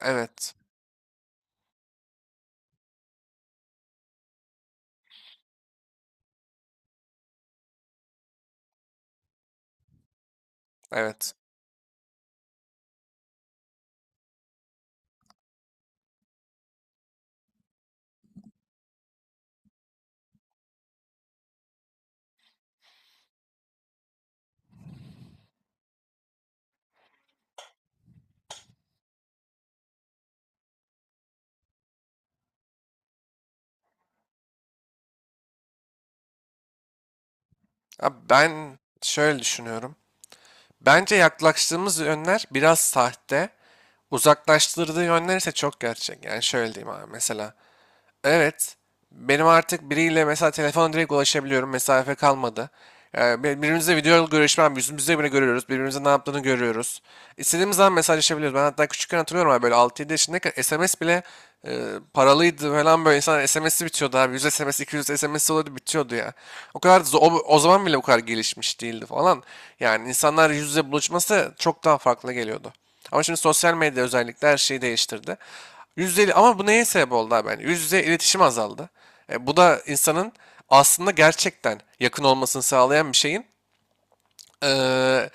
Evet, evet. Abi ben şöyle düşünüyorum. Bence yaklaştığımız yönler biraz sahte, uzaklaştırdığı yönler ise çok gerçek. Yani şöyle diyeyim abi mesela. Evet. Benim artık biriyle mesela telefona direkt ulaşabiliyorum. Mesafe kalmadı. Yani birbirimizle video görüşmem, yüzümüzde bile görüyoruz. Birbirimizin ne yaptığını görüyoruz. İstediğimiz zaman mesajlaşabiliyoruz. Ben hatta küçükken hatırlıyorum abi böyle 6-7 yaşındayken SMS bile e, paralıydı falan böyle insanlar SMS'i bitiyordu abi. 100 SMS, 200 SMS oluyordu bitiyordu ya. O zaman bile bu kadar gelişmiş değildi falan. Yani insanlar yüz yüze buluşması çok daha farklı geliyordu. Ama şimdi sosyal medya özellikle her şeyi değiştirdi. Yüzde ama bu neye sebep oldu abi? Yani yüzde iletişim azaldı. Bu da insanın aslında gerçekten yakın olmasını sağlayan bir şeyin eee,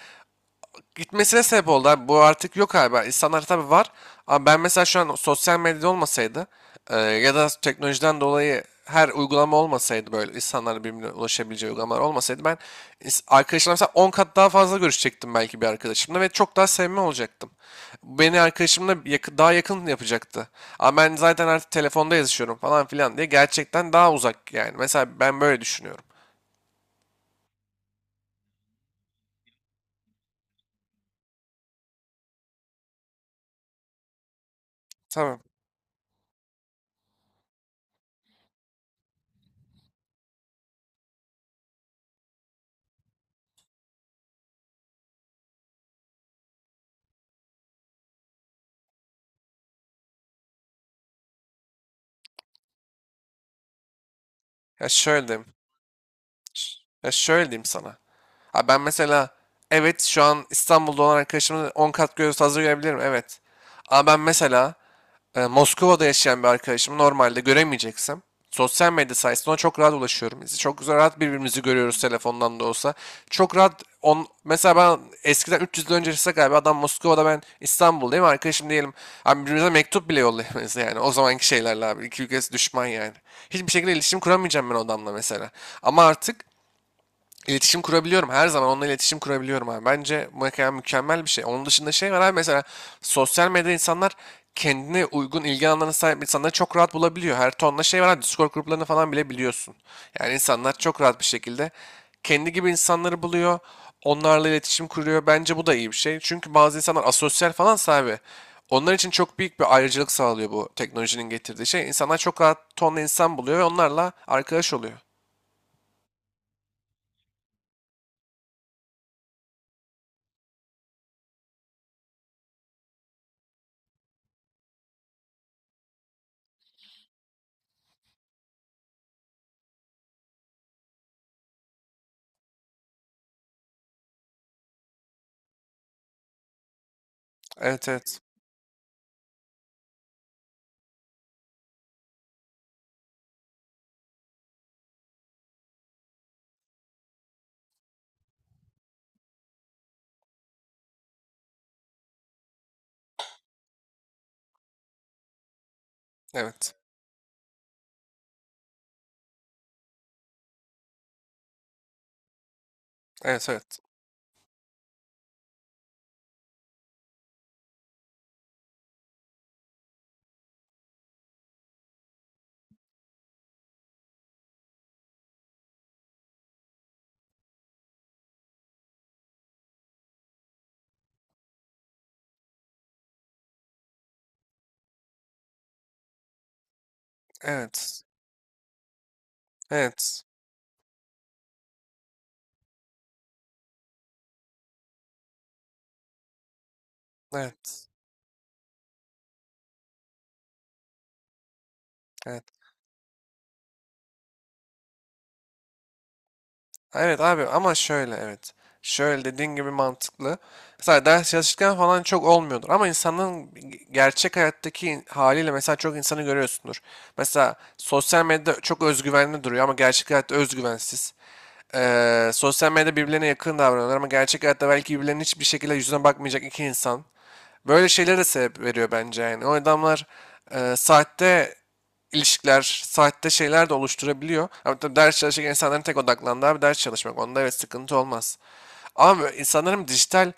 gitmesine sebep oldu abi. Bu artık yok abi. İnsanlar tabii var. Ama ben mesela şu an sosyal medyada olmasaydı ya da teknolojiden dolayı her uygulama olmasaydı böyle insanların birbirine ulaşabileceği uygulamalar olmasaydı ben arkadaşlarla mesela 10 kat daha fazla görüşecektim belki bir arkadaşımla ve çok daha sevme olacaktım. Bu beni arkadaşımla daha yakın yapacaktı. Ama ben zaten artık telefonda yazışıyorum falan filan diye gerçekten daha uzak yani. Mesela ben böyle düşünüyorum. Tamam. Ya şöyle diyeyim. Ya şöyle diyeyim sana. Ha ben mesela evet şu an İstanbul'da olan arkadaşımın 10 kat göz hazır görebilirim evet. Ama ben mesela Moskova'da yaşayan bir arkadaşımı normalde göremeyeceksem sosyal medya sayesinde ona çok rahat ulaşıyorum. Biz çok güzel rahat birbirimizi görüyoruz telefondan da olsa. Çok rahat mesela ben eskiden 300 yıl öncesi galiba adam Moskova'da ben İstanbul'dayım arkadaşım diyelim. Abi birbirimize mektup bile yollayamayız yani o zamanki şeylerle abi. İki ülkesi düşman yani. Hiçbir şekilde iletişim kuramayacağım ben o adamla mesela. Ama artık İletişim kurabiliyorum. Her zaman onunla iletişim kurabiliyorum abi. Bence bu ekran mükemmel bir şey. Onun dışında şey var abi mesela sosyal medyada insanlar kendine uygun ilgi alanlarına sahip insanları çok rahat bulabiliyor. Her tonla şey var abi. Discord gruplarını falan bile biliyorsun. Yani insanlar çok rahat bir şekilde kendi gibi insanları buluyor. Onlarla iletişim kuruyor. Bence bu da iyi bir şey. Çünkü bazı insanlar asosyal falan sahibi. Onlar için çok büyük bir ayrıcalık sağlıyor bu teknolojinin getirdiği şey. İnsanlar çok rahat tonla insan buluyor ve onlarla arkadaş oluyor. Evet evet. Evet. Evet evet. Evet. Evet. Evet. Evet. Evet abi ama şöyle evet. Şöyle dediğin gibi mantıklı. Mesela ders çalışırken falan çok olmuyordur. Ama insanın gerçek hayattaki haliyle mesela çok insanı görüyorsundur. Mesela sosyal medyada çok özgüvenli duruyor ama gerçek hayatta özgüvensiz. Sosyal medyada birbirlerine yakın davranıyorlar ama gerçek hayatta belki birbirlerinin hiçbir şekilde yüzüne bakmayacak iki insan. Böyle şeylere de sebep veriyor bence yani. O adamlar sahte ilişkiler, saatte şeyler de oluşturabiliyor. Ama tabii ders çalışırken insanların tek odaklandığı abi ders çalışmak. Onda evet sıkıntı olmaz. Ama insanların dijital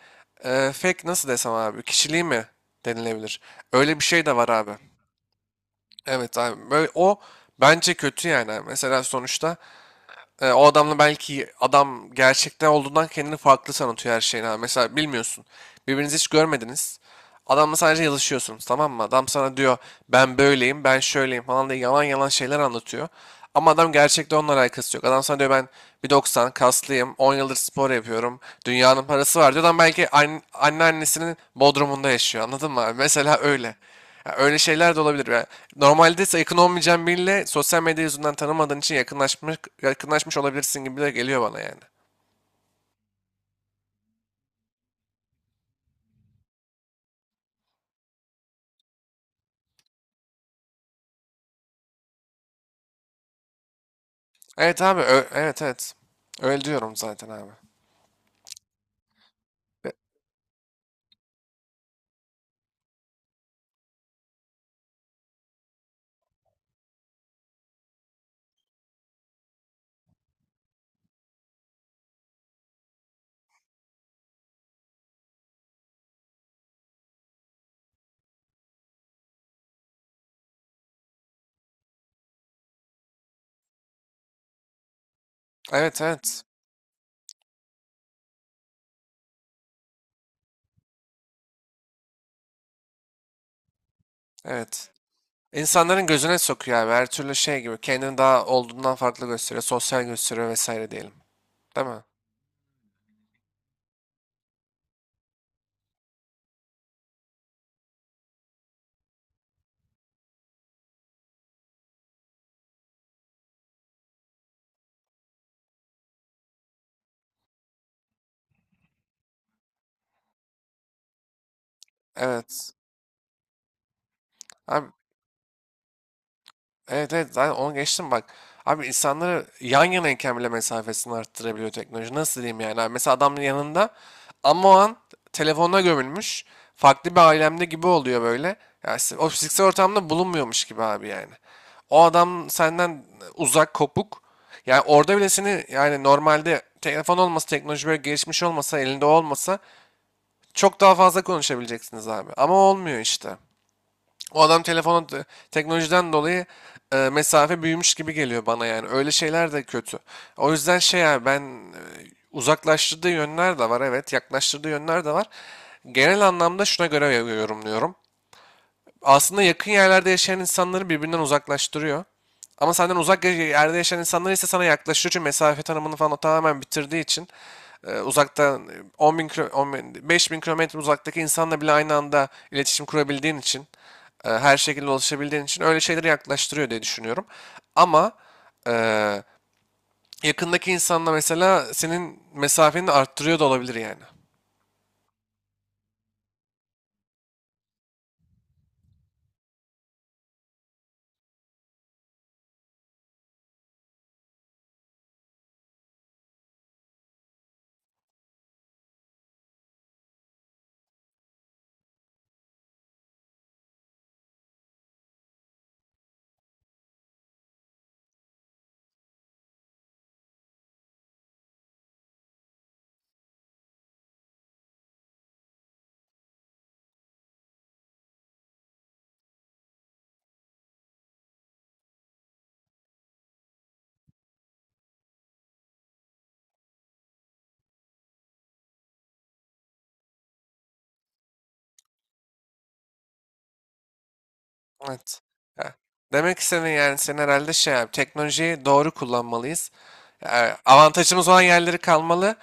fake nasıl desem abi kişiliği mi denilebilir? Öyle bir şey de var abi. Evet abi. Böyle o bence kötü yani. Abi. Mesela sonuçta o adamla belki adam gerçekte olduğundan kendini farklı sanatıyor her şeyine. Mesela bilmiyorsun. Birbirinizi hiç görmediniz. Adamla sadece yazışıyorsunuz, tamam mı? Adam sana diyor ben böyleyim, ben şöyleyim falan diye yalan yalan şeyler anlatıyor. Ama adam gerçekte onunla alakası yok. Adam sana diyor ben 1,90 kaslıyım, 10 yıldır spor yapıyorum, dünyanın parası var diyor. Adam belki anne, anneannesinin bodrumunda yaşıyor, anladın mı? Mesela öyle. Ya öyle şeyler de olabilir. Yani normalde ise yakın olmayacağın biriyle sosyal medya yüzünden tanımadığın için yakınlaşmış, yakınlaşmış olabilirsin gibi de geliyor bana yani. Evet abi, evet evet. Öyle diyorum zaten abi. Ve- Evet evet. Evet. İnsanların gözüne sokuyor abi. Her türlü şey gibi. Kendini daha olduğundan farklı gösteriyor. Sosyal gösteriyor vesaire diyelim. Değil mi? Evet. Abi, evet evet, zaten onu geçtim bak. Abi insanları yan yanayken bile mesafesini arttırabiliyor teknoloji. Nasıl diyeyim yani? Abi mesela adamın yanında ama o an telefonuna gömülmüş. Farklı bir alemde gibi oluyor böyle. Yani o fiziksel ortamda bulunmuyormuş gibi abi yani. O adam senden uzak, kopuk. Yani orada bile seni yani normalde telefon olmasa, teknoloji böyle gelişmiş olmasa, elinde olmasa çok daha fazla konuşabileceksiniz abi. Ama olmuyor işte. O adam telefona teknolojiden dolayı mesafe büyümüş gibi geliyor bana yani. Öyle şeyler de kötü. O yüzden şey abi ben uzaklaştırdığı yönler de var, evet, yaklaştırdığı yönler de var. Genel anlamda şuna göre yorumluyorum. Aslında yakın yerlerde yaşayan insanları birbirinden uzaklaştırıyor. Ama senden uzak yerde yaşayan insanlar ise sana yaklaşıyor çünkü mesafe tanımını falan o tamamen bitirdiği için uzaktan 10 bin, 5 bin 5.000 kilometre uzaktaki insanla bile aynı anda iletişim kurabildiğin için, her şekilde ulaşabildiğin için öyle şeyleri yaklaştırıyor diye düşünüyorum. Ama e, yakındaki insanla mesela senin mesafeni arttırıyor da olabilir yani. Evet. Ya, demek istediğin yani senin herhalde şey abi, teknolojiyi doğru kullanmalıyız. Yani avantajımız olan yerleri kalmalı.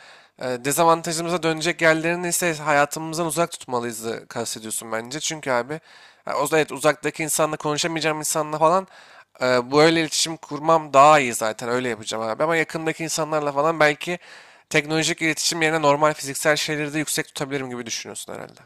Dezavantajımıza dönecek yerlerini ise hayatımızdan uzak tutmalıyız, kastediyorsun bence. Çünkü abi ya o da evet uzaktaki insanla konuşamayacağım insanla falan böyle iletişim kurmam daha iyi zaten öyle yapacağım abi. Ama yakındaki insanlarla falan belki teknolojik iletişim yerine normal fiziksel şeyleri de yüksek tutabilirim gibi düşünüyorsun herhalde.